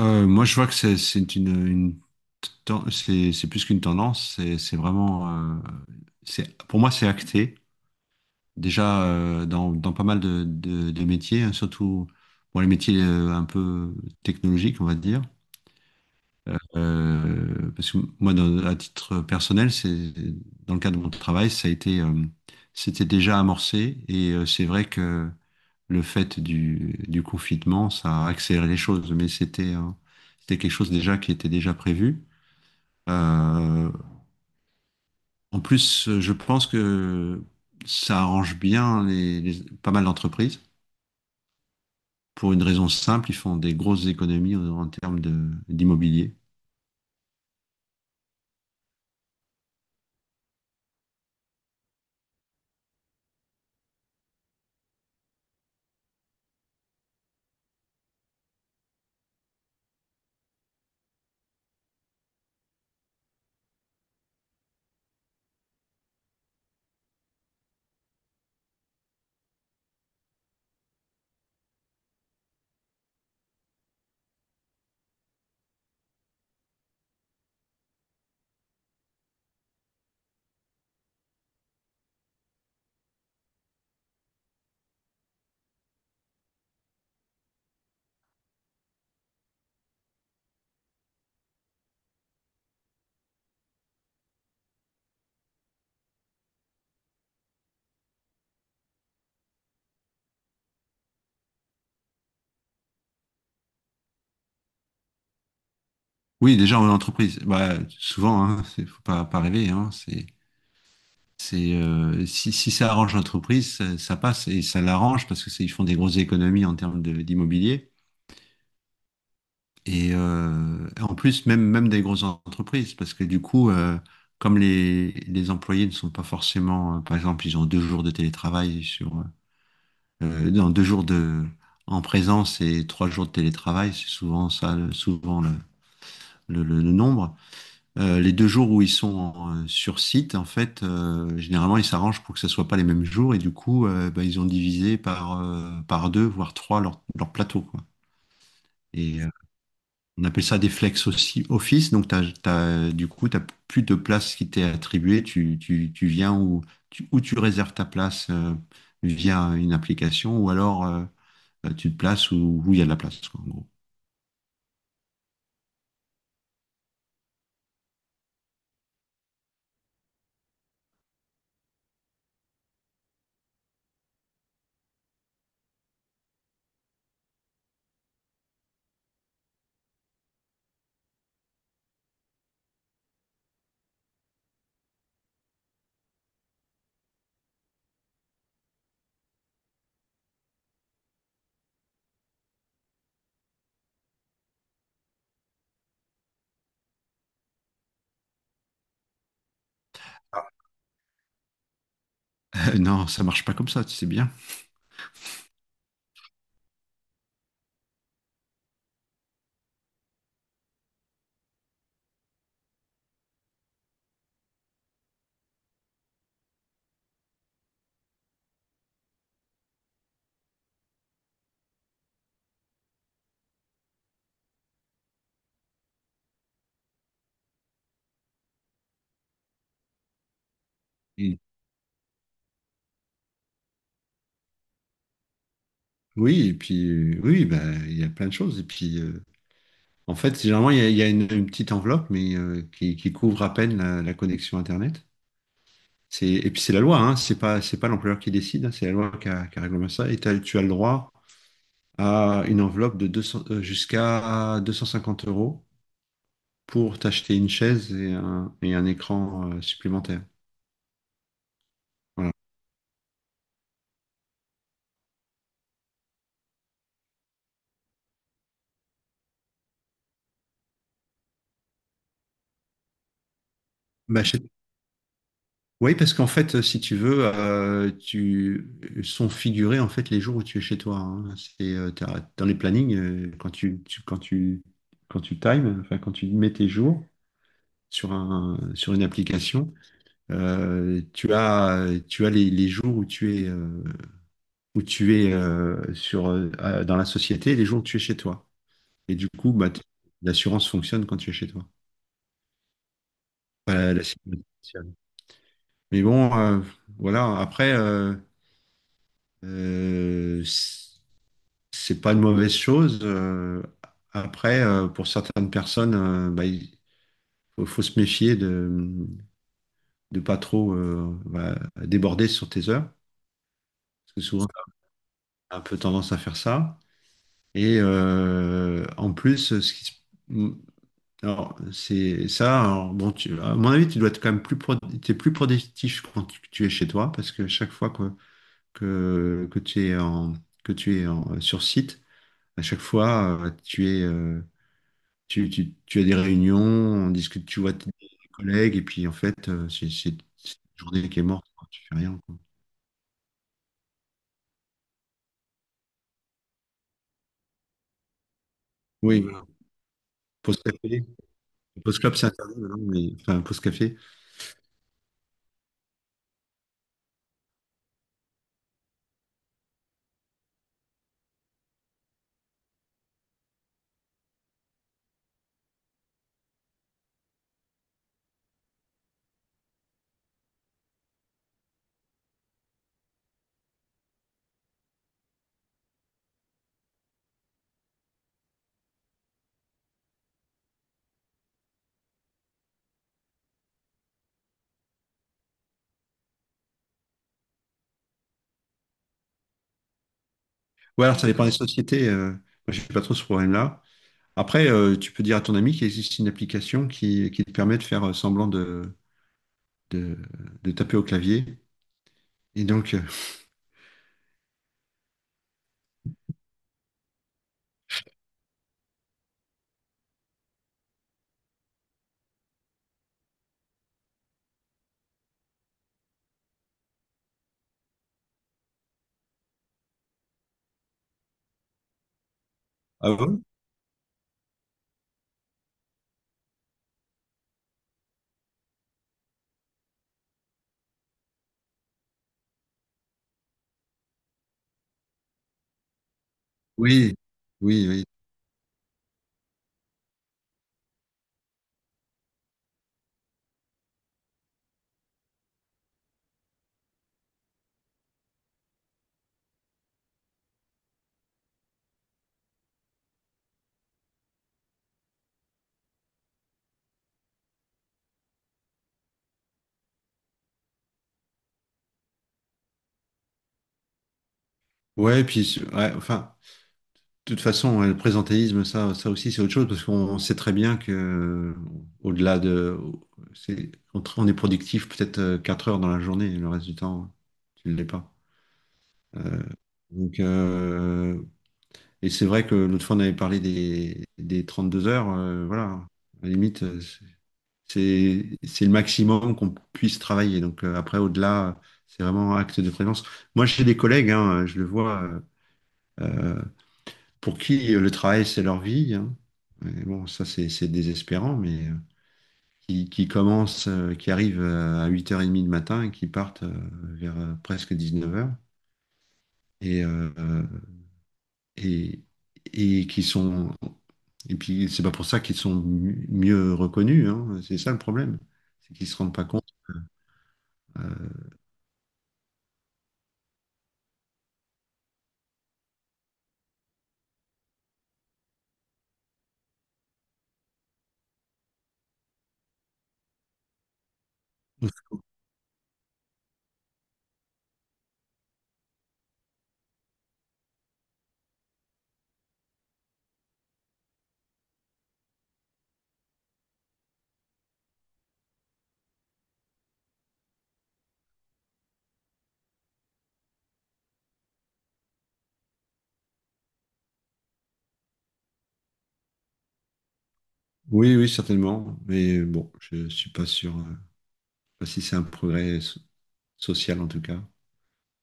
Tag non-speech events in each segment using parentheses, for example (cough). Moi, je vois que c'est une c'est plus qu'une tendance. C'est vraiment, euh, c'est pour moi, c'est acté déjà dans, dans pas mal de métiers, hein, surtout pour les métiers un peu technologiques, on va dire. Parce que moi, à titre personnel, c'est dans le cadre de mon travail, ça a été, c'était déjà amorcé et c'est vrai que le fait du confinement, ça a accéléré les choses, mais c'était quelque chose déjà qui était déjà prévu. Euh, En plus, je pense que ça arrange bien pas mal d'entreprises pour une raison simple, ils font des grosses économies en, en termes de, d'immobilier. Oui, déjà en entreprise, bah, souvent, hein, (laughs) faut pas, pas rêver, hein, c'est si, si ça arrange l'entreprise, ça passe et ça l'arrange parce que ils font des grosses économies en termes d'immobilier. Et en plus, même, même des grosses entreprises, parce que du coup, comme les employés ne sont pas forcément, par exemple, ils ont deux jours de télétravail sur, non, deux jours de, en présence et trois jours de télétravail, c'est souvent ça, souvent le nombre. Les deux jours où ils sont sur site, en fait, généralement, ils s'arrangent pour que ce soit pas les mêmes jours, et du coup, bah, ils ont divisé par, par deux, voire trois leur, leur plateau, quoi. Et, on appelle ça des flex aussi office. Donc, du coup, tu n'as plus de place qui t'est attribuée. Tu viens ou tu réserves ta place via une application ou alors tu te places où il y a de la place, quoi, en gros. Ah, non, ça marche pas comme ça, tu sais bien. Et- Oui, et puis oui, bah, il y a plein de choses. Et puis en fait, généralement, il y a une petite enveloppe, mais qui couvre à peine la, la connexion Internet. C'est, et puis c'est la loi, hein, c'est pas l'employeur qui décide, hein, c'est la loi qui a réglementé ça. Et tu as le droit à une enveloppe de 200, jusqu'à 250 € pour t'acheter une chaise et un écran supplémentaire. Voilà. Bah, je- Oui, parce qu'en fait, si tu veux, tu sont figurés en fait les jours où tu es chez toi, hein. C'est dans les plannings quand tu times, enfin quand tu mets tes jours sur un sur une application, tu as les jours où tu es sur, dans la société et les jours où tu es chez toi. Et du coup, bah, l'assurance fonctionne quand tu es chez toi. Voilà, la sécurité sociale. Mais bon, voilà, après, euh, c- c'est pas une mauvaise chose. Après, pour certaines personnes, bah, il faut se méfier de pas trop déborder sur tes heures. Parce que souvent, on a un peu tendance à faire ça. Et en plus, ce qui se alors, c'est ça. Alors, bon, à mon avis, tu dois être quand même plus, t'es plus productif quand tu es chez toi, parce que chaque fois que tu es que tu es sur site, à chaque fois, tu es, tu as des réunions, on discute, tu vois tes collègues, et puis en fait, c'est une journée qui est morte, quoi, tu fais rien, quoi. Oui, voilà. Pause café. Pause club, c'est interdit maintenant, mais enfin, pause café. Ouais, alors ça dépend des sociétés. Moi, je suis pas trop ce problème-là. Après, tu peux dire à ton ami qu'il existe une application qui te permet de faire semblant de, de taper au clavier. Et donc, ah bon, oui, oui, oui. Ouais, puis, ouais, enfin, de toute façon, ouais, le présentéisme, ça aussi, c'est autre chose, parce qu'on on sait très bien que, au-delà de, c'est, on, on est productif peut-être 4 heures dans la journée, et le reste du temps, tu ne l'es pas. Donc, et c'est vrai que l'autre fois, on avait parlé des deux heures, voilà. À la limite, c'est le maximum qu'on puisse travailler. Donc après, au-delà, c'est vraiment acte de présence. Moi, j'ai des collègues, hein, je le vois, euh, pour qui le travail, c'est leur vie, hein. Et bon, ça, c'est désespérant, mais qui commencent, qui arrivent à 8 h 30 le matin et qui partent vers presque neuf heures. Et, et, et qui sont... Et puis, c'est pas pour ça qu'ils sont mieux reconnus, hein. C'est ça le problème. C'est qu'ils se rendent pas compte. euh, Oui, oui, certainement. Mais bon, je suis pas sûr, pas si c'est un progrès social en tout cas.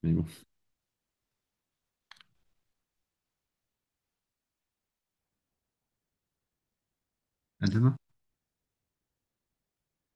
Mais bon. À demain.